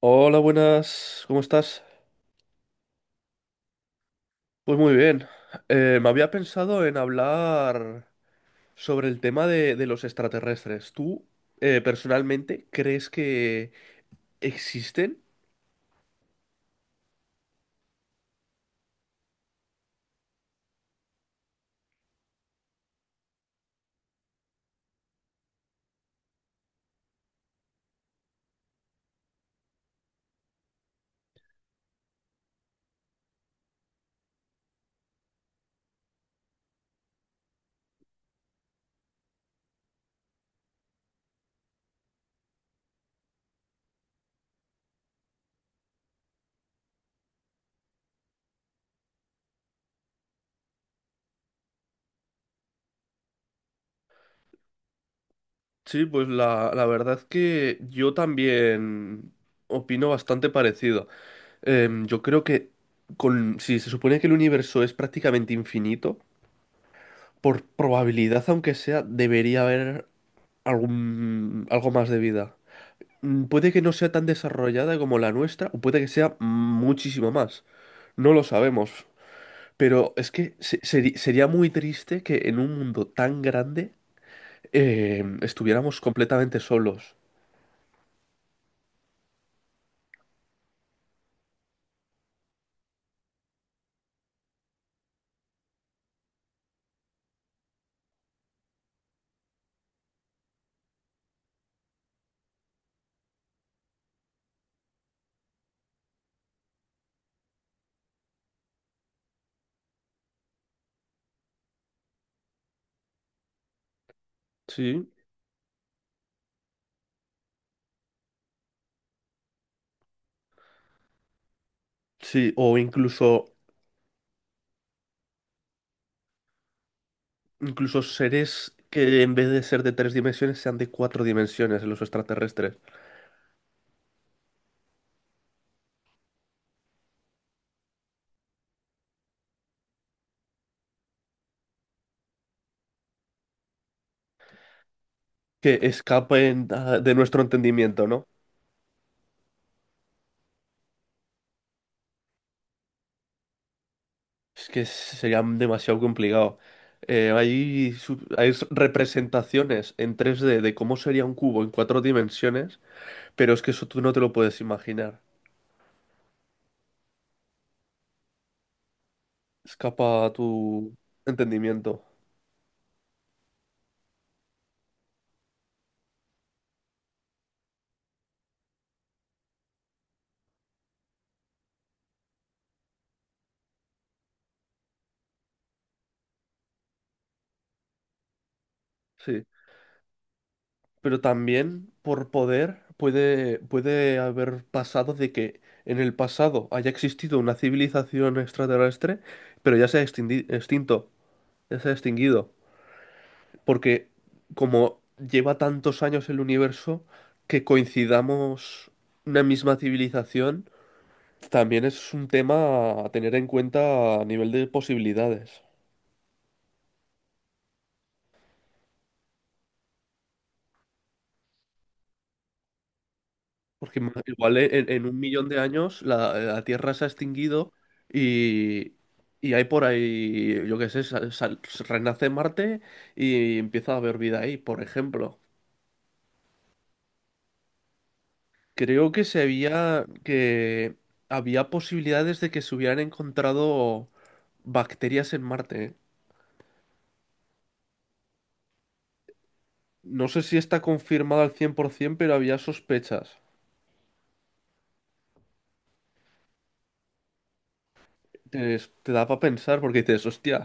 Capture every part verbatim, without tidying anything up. Hola, buenas, ¿cómo estás? Pues muy bien. Eh, me había pensado en hablar sobre el tema de, de los extraterrestres. ¿Tú, eh, personalmente, crees que existen? Sí, pues la, la verdad que yo también opino bastante parecido. Em, yo creo que con, si se supone que el universo es prácticamente infinito, por probabilidad, aunque sea, debería haber algún, algo más de vida. Mm, puede que no sea tan desarrollada como la nuestra, o puede que sea muchísimo más. No lo sabemos. Pero es que se- seri- sería muy triste que en un mundo tan grande eh, estuviéramos completamente solos. Sí. Sí, o incluso, incluso seres que en vez de ser de tres dimensiones sean de cuatro dimensiones, los extraterrestres, que escapen ah, de nuestro entendimiento, ¿no? Es que sería demasiado complicado. Eh, hay, su- hay s- representaciones en tres d de cómo sería un cubo en cuatro dimensiones, pero es que eso tú no te lo puedes imaginar. Escapa a tu entendimiento. Sí. Pero también por poder puede, puede haber pasado de que en el pasado haya existido una civilización extraterrestre, pero ya se ha extingui- extinto, ya se ha extinguido. Porque como lleva tantos años el universo, que coincidamos una misma civilización, también es un tema a tener en cuenta a nivel de posibilidades. Porque ima- igual e- en, en un millón de años la, la Tierra se ha extinguido y, y hay por ahí, yo qué sé, sal- sal- renace Marte y empieza a haber vida ahí, por ejemplo. Creo que se había, que había posibilidades de que se hubieran encontrado bacterias en Marte. ¿Eh? No sé si está confirmado al cien por ciento, pero había sospechas. Te, Te da para pensar porque dices, hostia,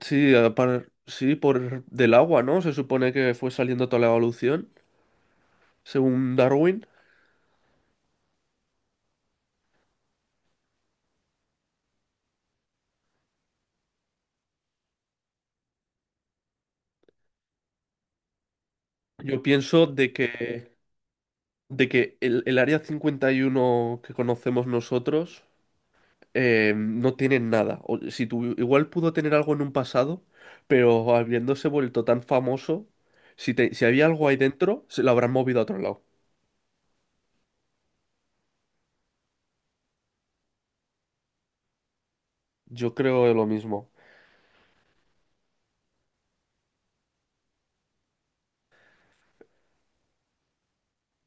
sí, eh, par- sí, por del agua, ¿no? Se supone que fue saliendo toda la evolución, según Darwin. Yo pienso de que, de que el, el área cincuenta y uno que conocemos nosotros eh, no tienen nada. O, si tu- igual pudo tener algo en un pasado, pero habiéndose vuelto tan famoso, si, te- si había algo ahí dentro, se lo habrán movido a otro lado. Yo creo lo mismo.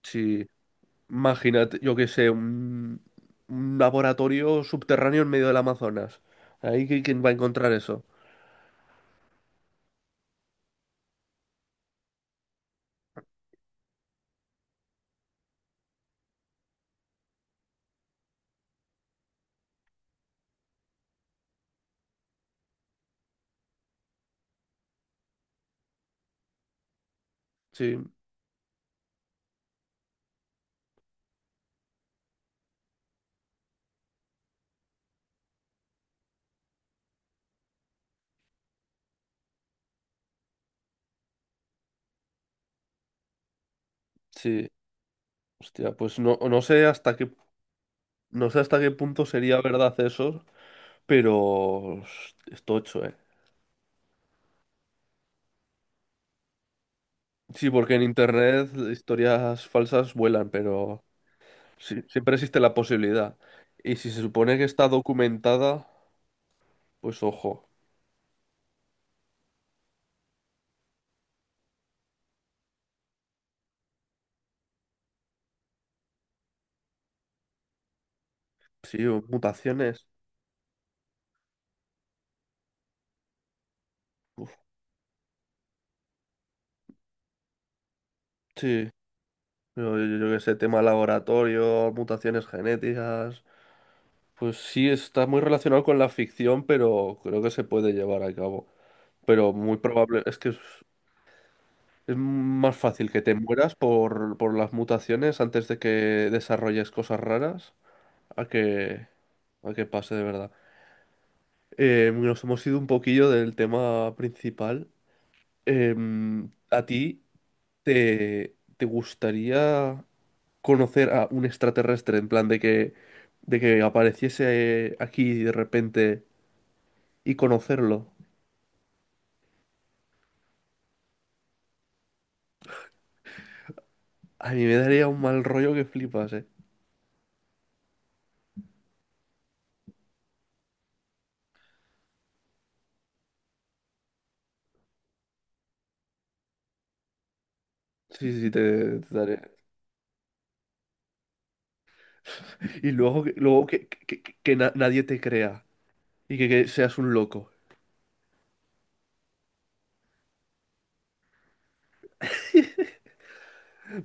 Si, imagínate, yo qué sé, un, un laboratorio subterráneo en medio del Amazonas. Ahí qui- quién va a encontrar eso. Sí, sí. Hostia, pues no, no sé hasta qué, no sé hasta qué punto sería verdad eso, pero es es tocho, ¿eh? Sí, porque en internet historias falsas vuelan, pero sí, siempre existe la posibilidad. Y si se supone que está documentada, pues ojo, sí, o mutaciones. Uf, sí, yo, yo- yo qué sé, tema laboratorio, mutaciones genéticas. Pues sí, está muy relacionado con la ficción, pero creo que se puede llevar a cabo. Pero muy probable, es que es, es más fácil que te mueras por, por las mutaciones antes de que desarrolles cosas raras a que, a que pase de verdad. Eh, nos hemos ido un poquillo del tema principal. Em, ¿a ti te, te gustaría conocer a un extraterrestre en plan de que, de que apareciese aquí de repente y conocerlo? A mí me daría un mal rollo que flipas, eh. Sí, sí, te, te daré. Y luego, que- luego que, que- que- que na- nadie te crea y que, que seas un loco.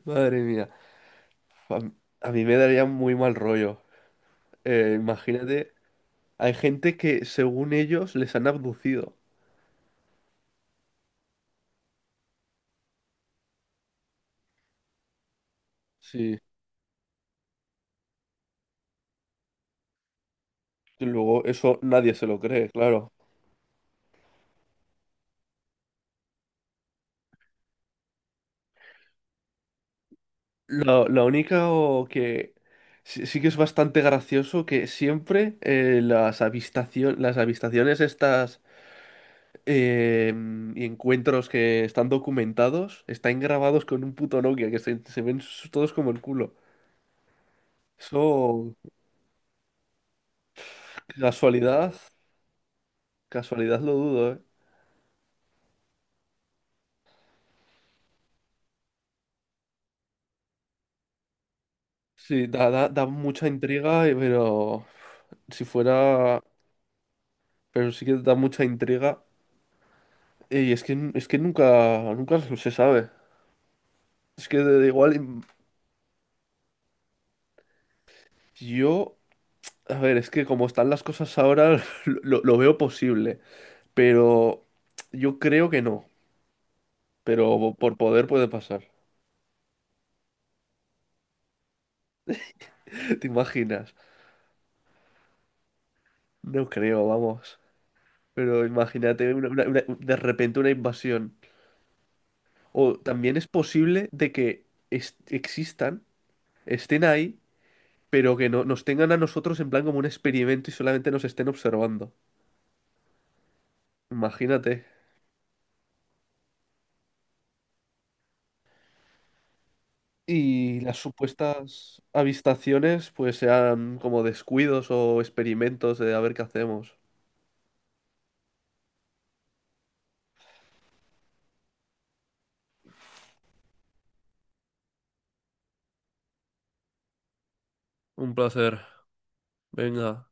Madre mía. A, a mí me daría muy mal rollo. Eh, imagínate. Hay gente que, según ellos, les han abducido. Sí, y luego eso nadie se lo cree, claro. Lo, lo único que sí, sí que es bastante gracioso que siempre eh, las avistación, las avistaciones estas eh, y encuentros que están documentados están grabados con un puto Nokia, que se, se ven s- todos como el culo. Eso, casualidad, casualidad lo dudo, ¿eh? Sí, da, da, da mucha intriga, eh, pero si fuera... pero sí que da mucha intriga. Eh, Y es que, es que nunca, nunca se sabe. Es que de- de igual mm, yo, a ver, es que como están las cosas ahora, lo, lo veo posible, pero yo creo que no. Pero por poder puede pasar. ¿Te imaginas? No creo, vamos. Pero imagínate una- una- una- de repente una invasión. O también es posible de que es- existan, estén ahí, pero que no, nos tengan a nosotros en plan como un experimento y solamente nos estén observando. Imagínate. Y las supuestas avistaciones, pues sean como descuidos o experimentos de a ver qué hacemos. Un placer. Venga.